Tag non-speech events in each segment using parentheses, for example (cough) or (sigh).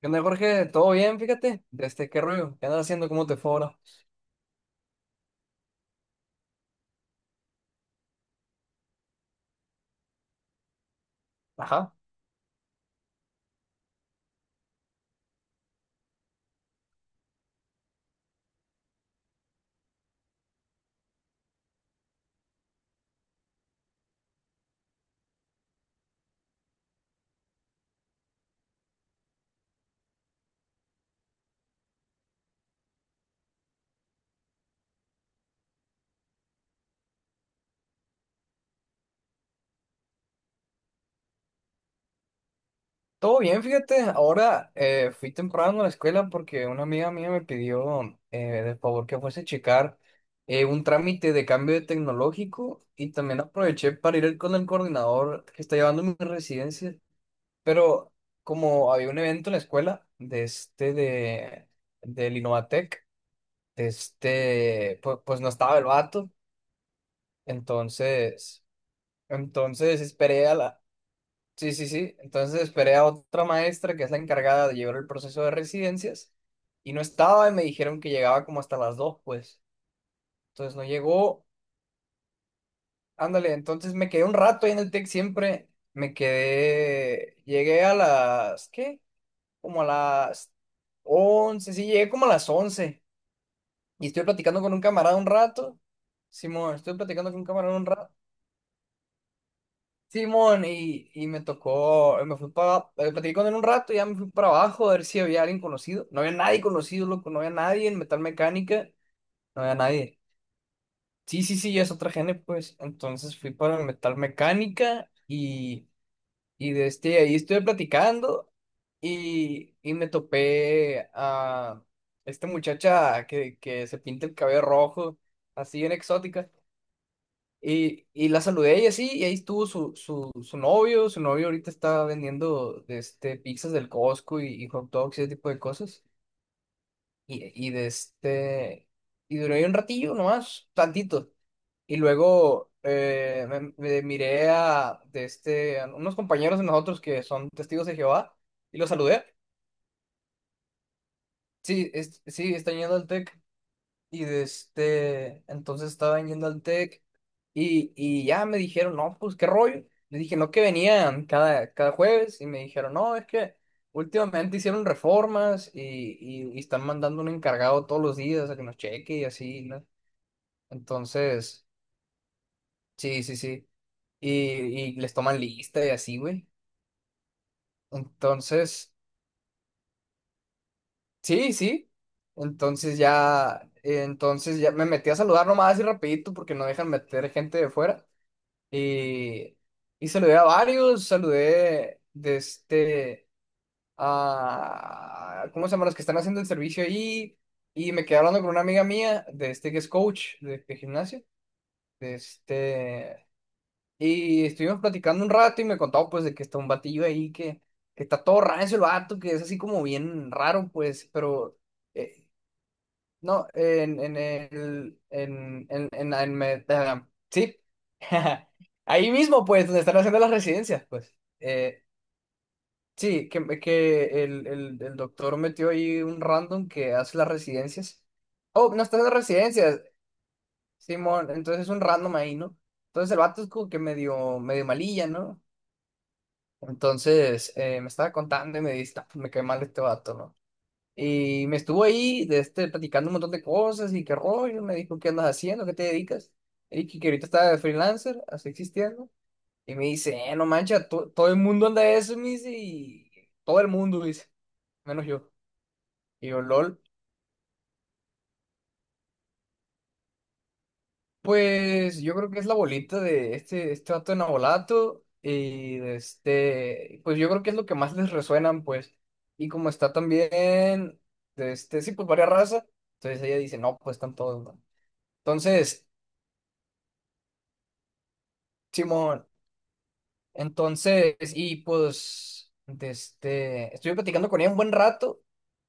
¿Qué onda, Jorge? ¿Todo bien? Fíjate, desde qué rollo, ¿qué andas haciendo? ¿Cómo te fue ahora? Ajá, todo bien, fíjate. Ahora fui temprano a la escuela porque una amiga mía me pidió eh, de favor que fuese a checar un trámite de cambio de tecnológico y también aproveché para ir con el coordinador que está llevando mi residencia. Pero como había un evento en la escuela de este de del Innovatec, de este, pues no estaba el vato, entonces. Entonces esperé a la... Sí, sí, sí. Entonces esperé a otra maestra que es la encargada de llevar el proceso de residencias y no estaba y me dijeron que llegaba como hasta las 2, pues. Entonces no llegó. Ándale, entonces me quedé un rato ahí en el TEC siempre. Llegué a las... ¿Qué? Como a las 11. Sí, llegué como a las 11. Y estoy platicando con un camarada un rato. Simón, estoy platicando con un camarada un rato. Simón, y me tocó, me fui para, platiqué con él un rato, ya me fui para abajo a ver si había alguien conocido. No había nadie conocido, loco, no había nadie en metal mecánica, no había nadie. Sí, sí, sí, ya es otra gene, pues. Entonces fui para metal mecánica y de este, ahí estuve platicando y me topé a esta muchacha que se pinta el cabello rojo, así bien exótica. Y la saludé y así, y ahí estuvo su novio ahorita está vendiendo de este, pizzas del Costco y hot dogs y ese tipo de cosas. Y de este, y duré ahí un ratillo nomás, tantito. Y luego me miré a, de este, a unos compañeros de nosotros que son testigos de Jehová y los saludé. Sí, están yendo al TEC. Y de este, entonces estaban yendo al TEC y ya me dijeron, no, pues qué rollo. Le dije, no, que venían cada jueves y me dijeron, no, es que últimamente hicieron reformas y están mandando un encargado todos los días a que nos cheque y así, ¿no? Entonces, sí, sí, sí. Y, y les toman lista y así, güey. Entonces, sí, sí. Entonces ya me metí a saludar nomás y rapidito porque no dejan meter gente de fuera. Y, y saludé a varios, saludé de este a ¿cómo se llaman los que están haciendo el servicio ahí? Y me quedé hablando con una amiga mía de este que es coach de gimnasio. De este, y estuvimos platicando un rato y me contaba pues de que está un batillo ahí que está todo rancio el vato, que es así como bien raro, pues, pero eh, no, en el, en me- ah, sí, (laughs) ahí mismo, pues, donde están haciendo las residencias, pues. Eh, sí, que el doctor metió ahí un random que hace las residencias. Oh, no está haciendo residencias, Simón, entonces es un random ahí, ¿no? Entonces el vato es como que medio, medio malilla, ¿no? Entonces me estaba contando y me dice, "No, pues, me cae mal este vato, ¿no?" Y me estuvo ahí de este, platicando un montón de cosas y qué rollo. Me dijo, ¿qué andas haciendo? ¿Qué te dedicas? Le dije que ahorita estaba de freelancer, así existiendo. Y me dice, no mancha, todo el mundo anda de eso, me dice, y todo el mundo, dice, menos yo. Y yo, lol. Pues yo creo que es la bolita de este, este vato de Nabolato. Y de este, pues yo creo que es lo que más les resuenan, pues. Y como está también, de este, sí, pues varias razas. Entonces ella dice, no, pues están todos, ¿no? Entonces. Simón, entonces, y pues, de este, estuve platicando con ella un buen rato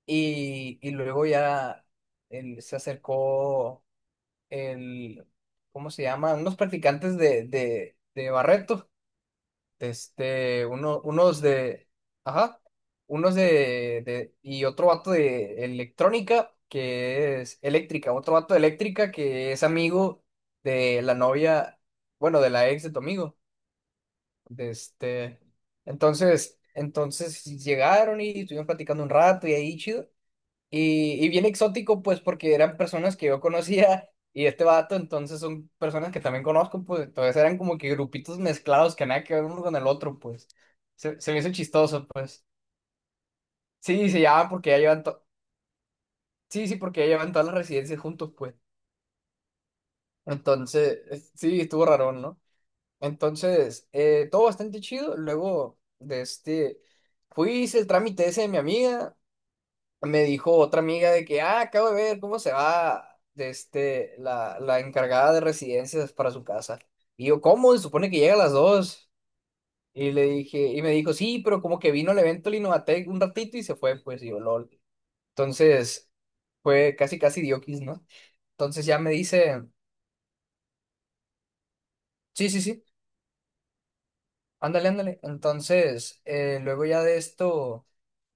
y luego ya él, se acercó el, ¿cómo se llama? Unos practicantes de Barreto, de este, unos de, ajá, unos de, y otro vato de electrónica que es eléctrica, otro vato de eléctrica que es amigo de la novia, bueno, de la ex de tu amigo. De este, entonces llegaron y estuvimos platicando un rato y ahí chido. Y bien exótico, pues, porque eran personas que yo conocía y este vato, entonces son personas que también conozco, pues, entonces eran como que grupitos mezclados que nada que ver uno con el otro, pues. Se me hizo chistoso, pues. Sí, se llaman porque ya llevan, sí, sí, porque ya llevan todas las residencias juntos, pues. Entonces, sí, estuvo raro, ¿no? Entonces, todo bastante chido. Luego de este, fui, hice el trámite ese de mi amiga. Me dijo otra amiga de que, ah, acabo de ver cómo se va de este, la encargada de residencias para su casa. Y yo, ¿cómo? Se supone que llega a las 2. Y le dije, y me dijo, sí, pero como que vino al evento del Innovatec un ratito y se fue, pues, y yo, lol. Entonces, fue casi, casi dioquis, ¿no? Entonces ya me dice, sí, sí, sí. Ándale, ándale. Entonces, luego ya de esto,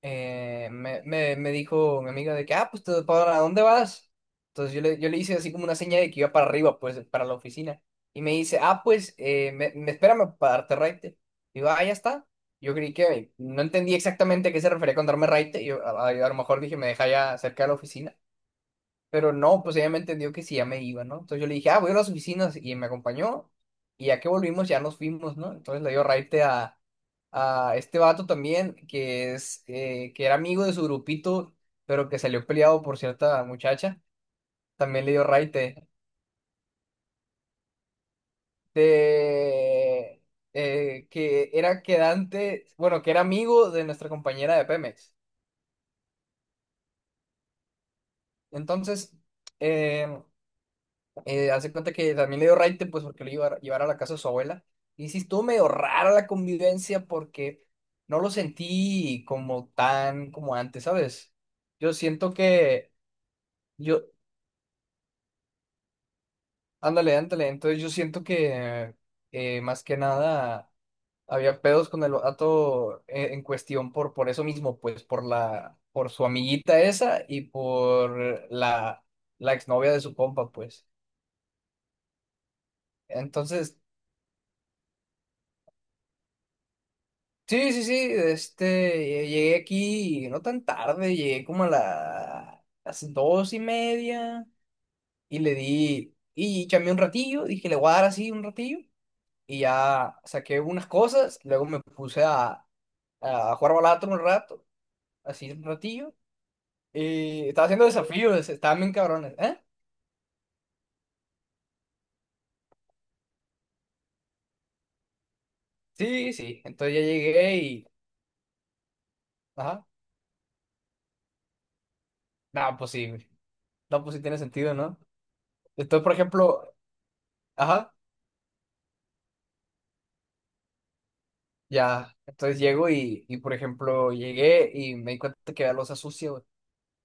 me dijo mi amiga de que, ah, pues, ¿para dónde vas? Entonces yo le hice así como una seña de que iba para arriba, pues, para la oficina. Y me dice, ah, pues, espérame para darte raite. Digo, ah, ya está. Yo creí que no entendí exactamente a qué se refería con darme raite. Yo, a lo mejor dije, me deja ya cerca de la oficina. Pero no, pues ella me entendió que sí, ya me iba, ¿no? Entonces yo le dije, ah, voy a las oficinas y me acompañó. Y ya que volvimos, ya nos fuimos, ¿no? Entonces le dio raite a este vato también, que es, que era amigo de su grupito, pero que salió peleado por cierta muchacha. También le dio raite de, que era quedante, bueno, que era amigo de nuestra compañera de Pemex. Entonces, em, hace cuenta que también le dio raite, pues porque lo iba a llevar a la casa de su abuela. Y sí estuvo medio rara la convivencia porque no lo sentí como tan como antes, ¿sabes? Yo siento que, yo, ándale, ándale, entonces yo siento que más que nada había pedos con el vato en cuestión por eso mismo, pues por su amiguita esa y por la exnovia de su compa, pues. Entonces sí, sí, sí, este, llegué aquí no tan tarde, llegué como a las 2:30 y le di, y chamé un ratillo, dije, le voy a dar así un ratillo y ya saqué unas cosas, luego me puse a jugar balato un rato, así un ratillo, y estaba haciendo desafíos, estaban bien cabrones, ¿eh? Sí, sí, entonces ya llegué y, ajá, no, pues sí, no, pues sí tiene sentido, ¿no? Entonces, por ejemplo, ajá. Ya, entonces llego y, por ejemplo, llegué y me di cuenta que había loza sucia, güey.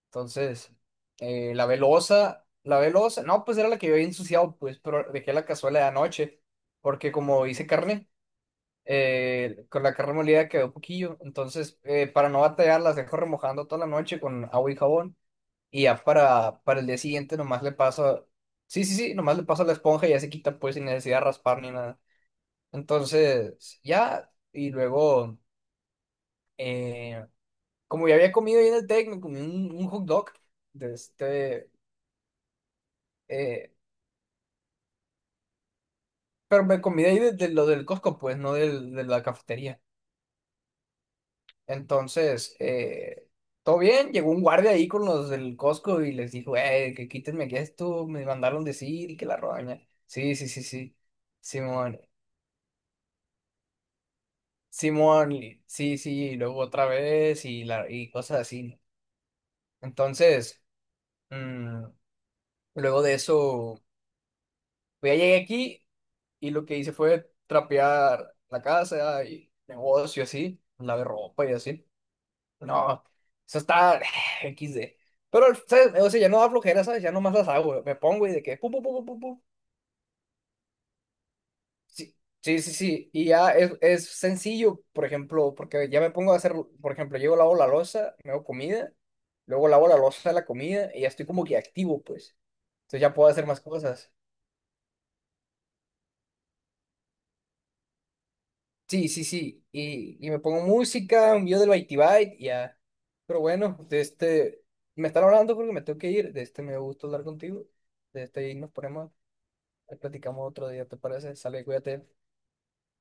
Entonces, lavé loza, lavé loza. No, pues era la que yo había ensuciado, pues, pero dejé la cazuela de anoche, porque como hice carne, con la carne molida quedó poquillo. Entonces, para no batallar, las dejo remojando toda la noche con agua y jabón. Y ya para el día siguiente nomás le paso, sí, sí, sí, nomás le paso la esponja y ya se quita, pues, sin necesidad de raspar ni nada. Entonces, ya, y luego eh, como ya había comido ahí en el Tec, me comí un hot dog de este, eh, pero me comí de ahí de lo del Costco, pues, no de la cafetería. Entonces, todo bien, llegó un guardia ahí con los del Costco y les dijo, que quítenme aquí esto, me mandaron decir y que la roña. Sí, sí, sí, sí, Simón, Simón, sí, sí, y luego otra vez y cosas así. Entonces, mm, luego de eso, pues ya llegué aquí. Y lo que hice fue trapear la casa y negocio así, lavé ropa y así. No, eso está (sighs) XD. Pero, ¿sabes? O sea, ya no da flojera, ¿sabes? Ya nomás las hago, me pongo y de que, pum, pum, pum, pum, pum, pum. Sí, sí, sí, sí. Y ya es sencillo, por ejemplo, porque ya me pongo a hacer, por ejemplo, llego, lavo la loza, me hago comida, luego lavo la loza de la comida y ya estoy como que activo, pues. Entonces ya puedo hacer más cosas. Sí, sí, sí. Y me pongo música, un video del Bitey Byte, y ya. Pero bueno, de este, me están hablando porque me tengo que ir. De este me gusta hablar contigo. De este y nos ponemos, platicamos otro día, ¿te parece? Sale, cuídate.